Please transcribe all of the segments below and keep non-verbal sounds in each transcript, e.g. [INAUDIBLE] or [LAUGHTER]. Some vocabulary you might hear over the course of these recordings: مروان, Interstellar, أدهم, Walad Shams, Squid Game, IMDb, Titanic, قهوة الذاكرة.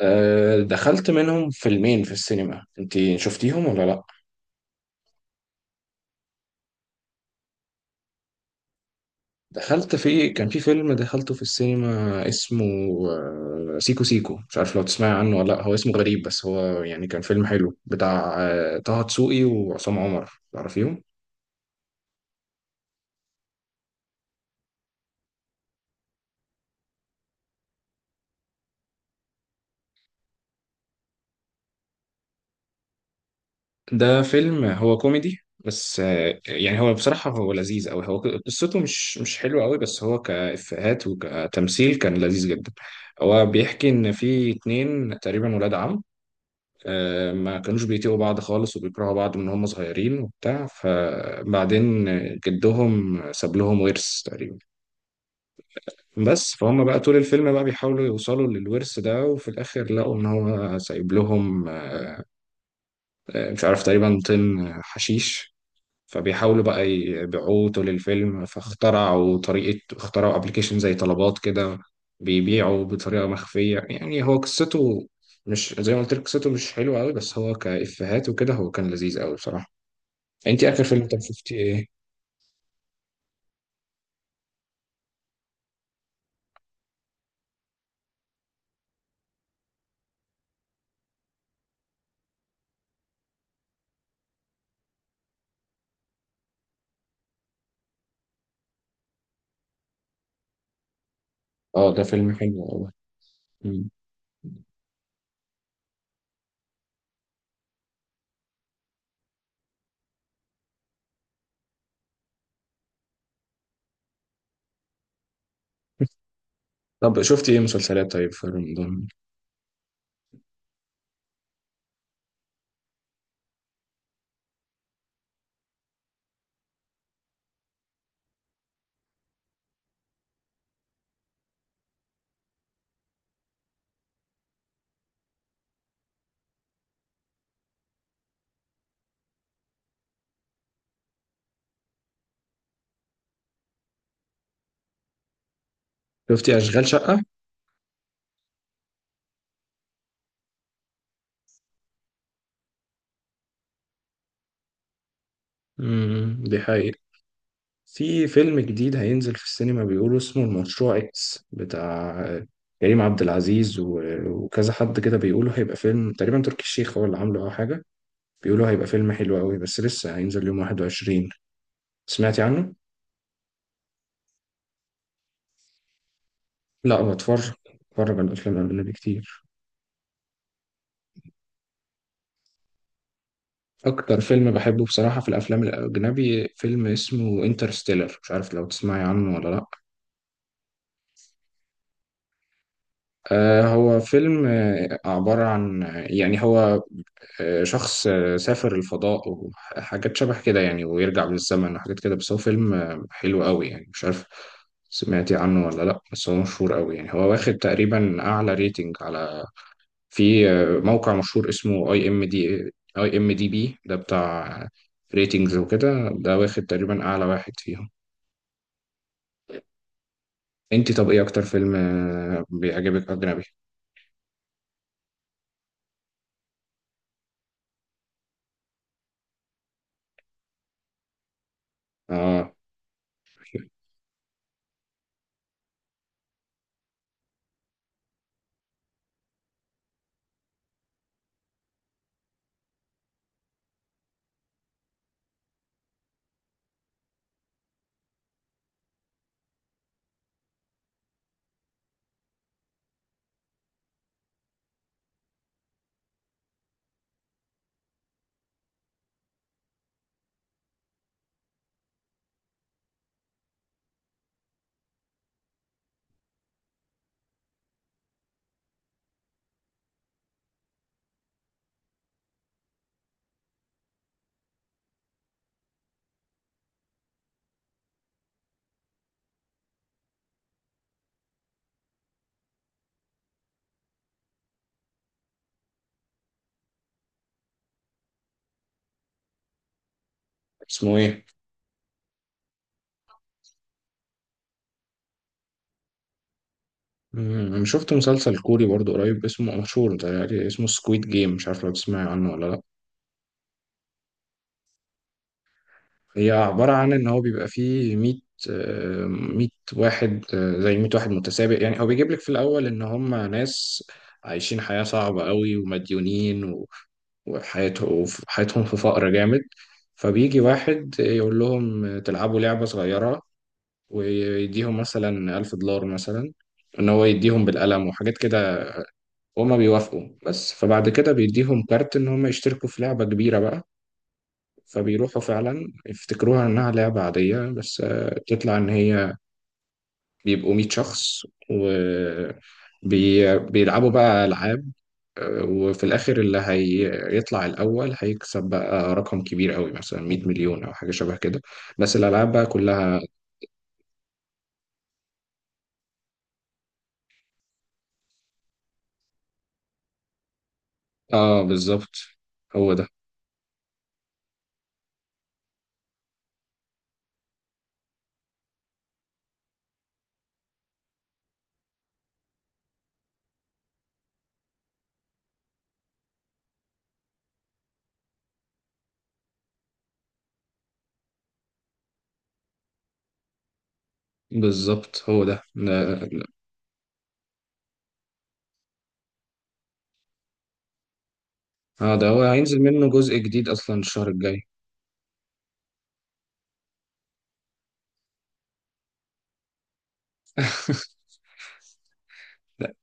دخلت منهم فيلمين في السينما، انت شفتيهم ولا لا؟ دخلت في، كان في فيلم دخلته في السينما اسمه سيكو سيكو، مش عارف لو تسمعي عنه ولا لا. هو اسمه غريب بس هو يعني كان فيلم حلو بتاع طه دسوقي وعصام عمر، تعرفيهم؟ ده فيلم هو كوميدي بس يعني هو بصراحة هو لذيذ قوي. هو قصته مش حلوة قوي بس هو كإفيهات وكتمثيل كان لذيذ جدا. هو بيحكي إن في اتنين تقريبا ولاد عم ما كانوش بيطيقوا بعض خالص وبيكرهوا بعض من هم صغيرين وبتاع. فبعدين جدهم ساب لهم ورث تقريبا، بس فهم بقى طول الفيلم بقى بيحاولوا يوصلوا للورث ده، وفي الآخر لقوا إن هو سايب لهم مش عارف تقريبا طن حشيش. فبيحاولوا بقى يبيعوه طول الفيلم، فاخترعوا طريقة، اخترعوا ابلكيشن زي طلبات كده بيبيعوا بطريقة مخفية. يعني هو قصته مش زي ما قلت لك، قصته مش حلوة قوي بس هو كإفيهات وكده هو كان لذيذ قوي بصراحة. انت اخر فيلم طب شفتي ايه؟ اه ده فيلم حلو قوي. مم. طب شفتي ايه مسلسلات طيب في رمضان؟ شفتي اشغال شقة؟ امم، دي حقيقة. في فيلم جديد هينزل في السينما بيقولوا اسمه المشروع اكس بتاع كريم عبد العزيز وكذا حد كده، بيقولوا هيبقى فيلم تقريبا تركي الشيخ هو اللي عامله او حاجة. بيقولوا هيبقى فيلم حلو قوي بس لسه هينزل يوم 21. سمعتي عنه؟ لا، بتفرج، بتفرج على الافلام الاجنبي كتير. اكتر فيلم بحبه بصراحة في الافلام الاجنبي فيلم اسمه انترستيلر، مش عارف لو تسمعي عنه ولا لا. آه، هو فيلم عبارة عن، يعني هو شخص سافر الفضاء وحاجات شبه كده يعني، ويرجع بالزمن وحاجات كده. بس هو فيلم حلو قوي يعني، مش عارف سمعتي عنه ولا لا، بس هو مشهور قوي يعني. هو واخد تقريبا اعلى ريتنج على، في موقع مشهور اسمه اي ام دي، اي ام دي بي ده بتاع ريتنجز وكده، ده واخد تقريبا اعلى واحد فيهم. انت طب ايه اكتر فيلم بيعجبك اجنبي؟ اه. اسمه ايه؟ مم، شفت مسلسل كوري برضو قريب اسمه مشهور، ده اسمه سكويد جيم، مش عارف لو تسمعي عنه ولا لا. هي عبارة عن إن هو بيبقى فيه 100 واحد، زي 100 واحد متسابق. يعني هو بيجيب لك في الأول إن هم ناس عايشين حياة صعبة قوي ومديونين، وحياته حياتهم في فقر جامد. فبيجي واحد يقول لهم تلعبوا لعبة صغيرة، ويديهم مثلا 1000 دولار مثلا، إن هو يديهم بالقلم وحاجات كده، وهما بيوافقوا. بس فبعد كده بيديهم كارت إن هما يشتركوا في لعبة كبيرة بقى. فبيروحوا فعلا يفتكروها إنها لعبة عادية بس تطلع إن هي بيبقوا 100 شخص و بيلعبوا بقى ألعاب، وفي الآخر اللي هيطلع الأول هيكسب بقى رقم كبير قوي مثلا 100 مليون أو حاجة شبه كده، بس الألعاب بقى كلها. آه بالظبط، هو ده بالظبط هو ده لا. اه ده هو هينزل منه جزء جديد أصلا الشهر الجاي. [LAUGHS] لا،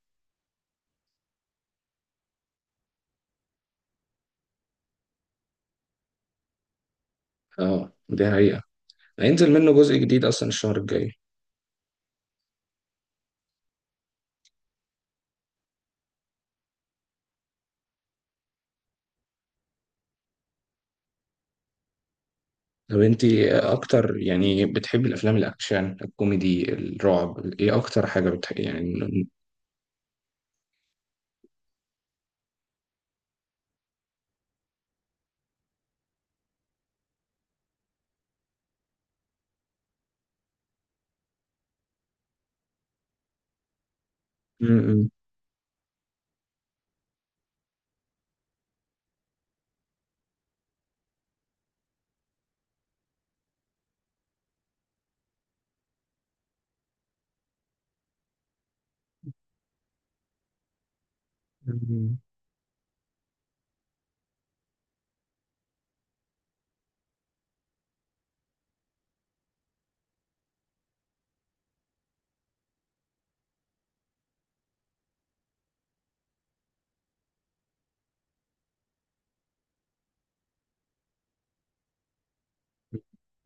اه دي حقيقة، هينزل منه جزء جديد أصلا الشهر الجاي. طب انتي أكتر يعني بتحبي الأفلام الأكشن الكوميدي الرعب، إيه أكتر حاجة بتحبي يعني؟ م- م-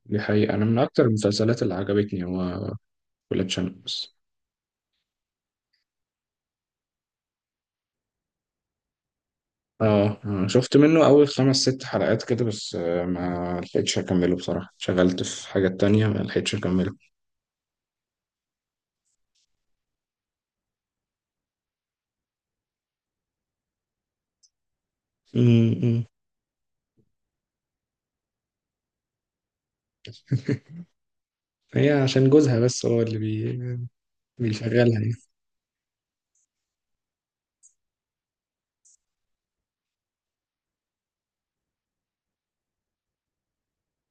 دي حقيقة. أنا من أكتر المسلسلات اللي عجبتني هو ولاد شمس. آه، شفت منه أول خمس ست حلقات كده بس، ما لحقتش أكمله بصراحة، شغلت في حاجات تانية ما لحقتش أكمله. م- م. [LAUGHS] هي عشان جوزها بس هو اللي بيشغلها يعني.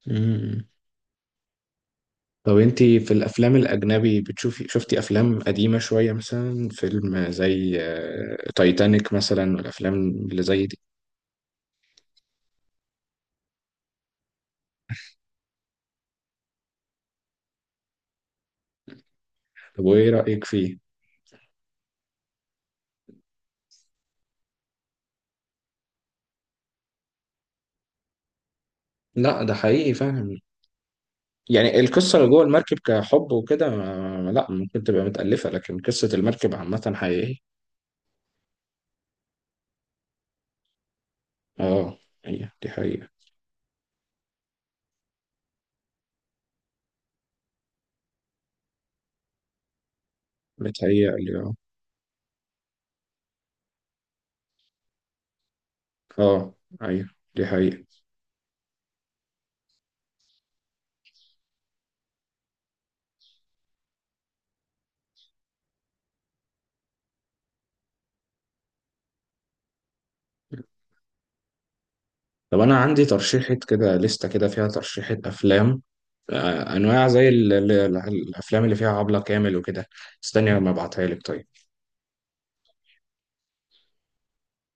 م- م. طب أنتي في الأفلام الأجنبي بتشوفي، شفتي أفلام قديمة شوية مثلا فيلم زي تايتانيك مثلا والأفلام اللي زي دي؟ طب وإيه رأيك فيه؟ لا، ده حقيقي فعلا. يعني القصة اللي جوه المركب كحب وكده، ما- لا، ممكن تبقى متألفة، لكن قصة المركب عامة حقيقية. اه، هي دي حقيقة. بتهيألي اه. اه، ايوه، دي حقيقة. طب أنا عندي ترشيحة كده لستة كده فيها ترشيحة أفلام، أنواع زي الأفلام اللي فيها عبلة كامل وكده. استني لما أبعتها لك طيب.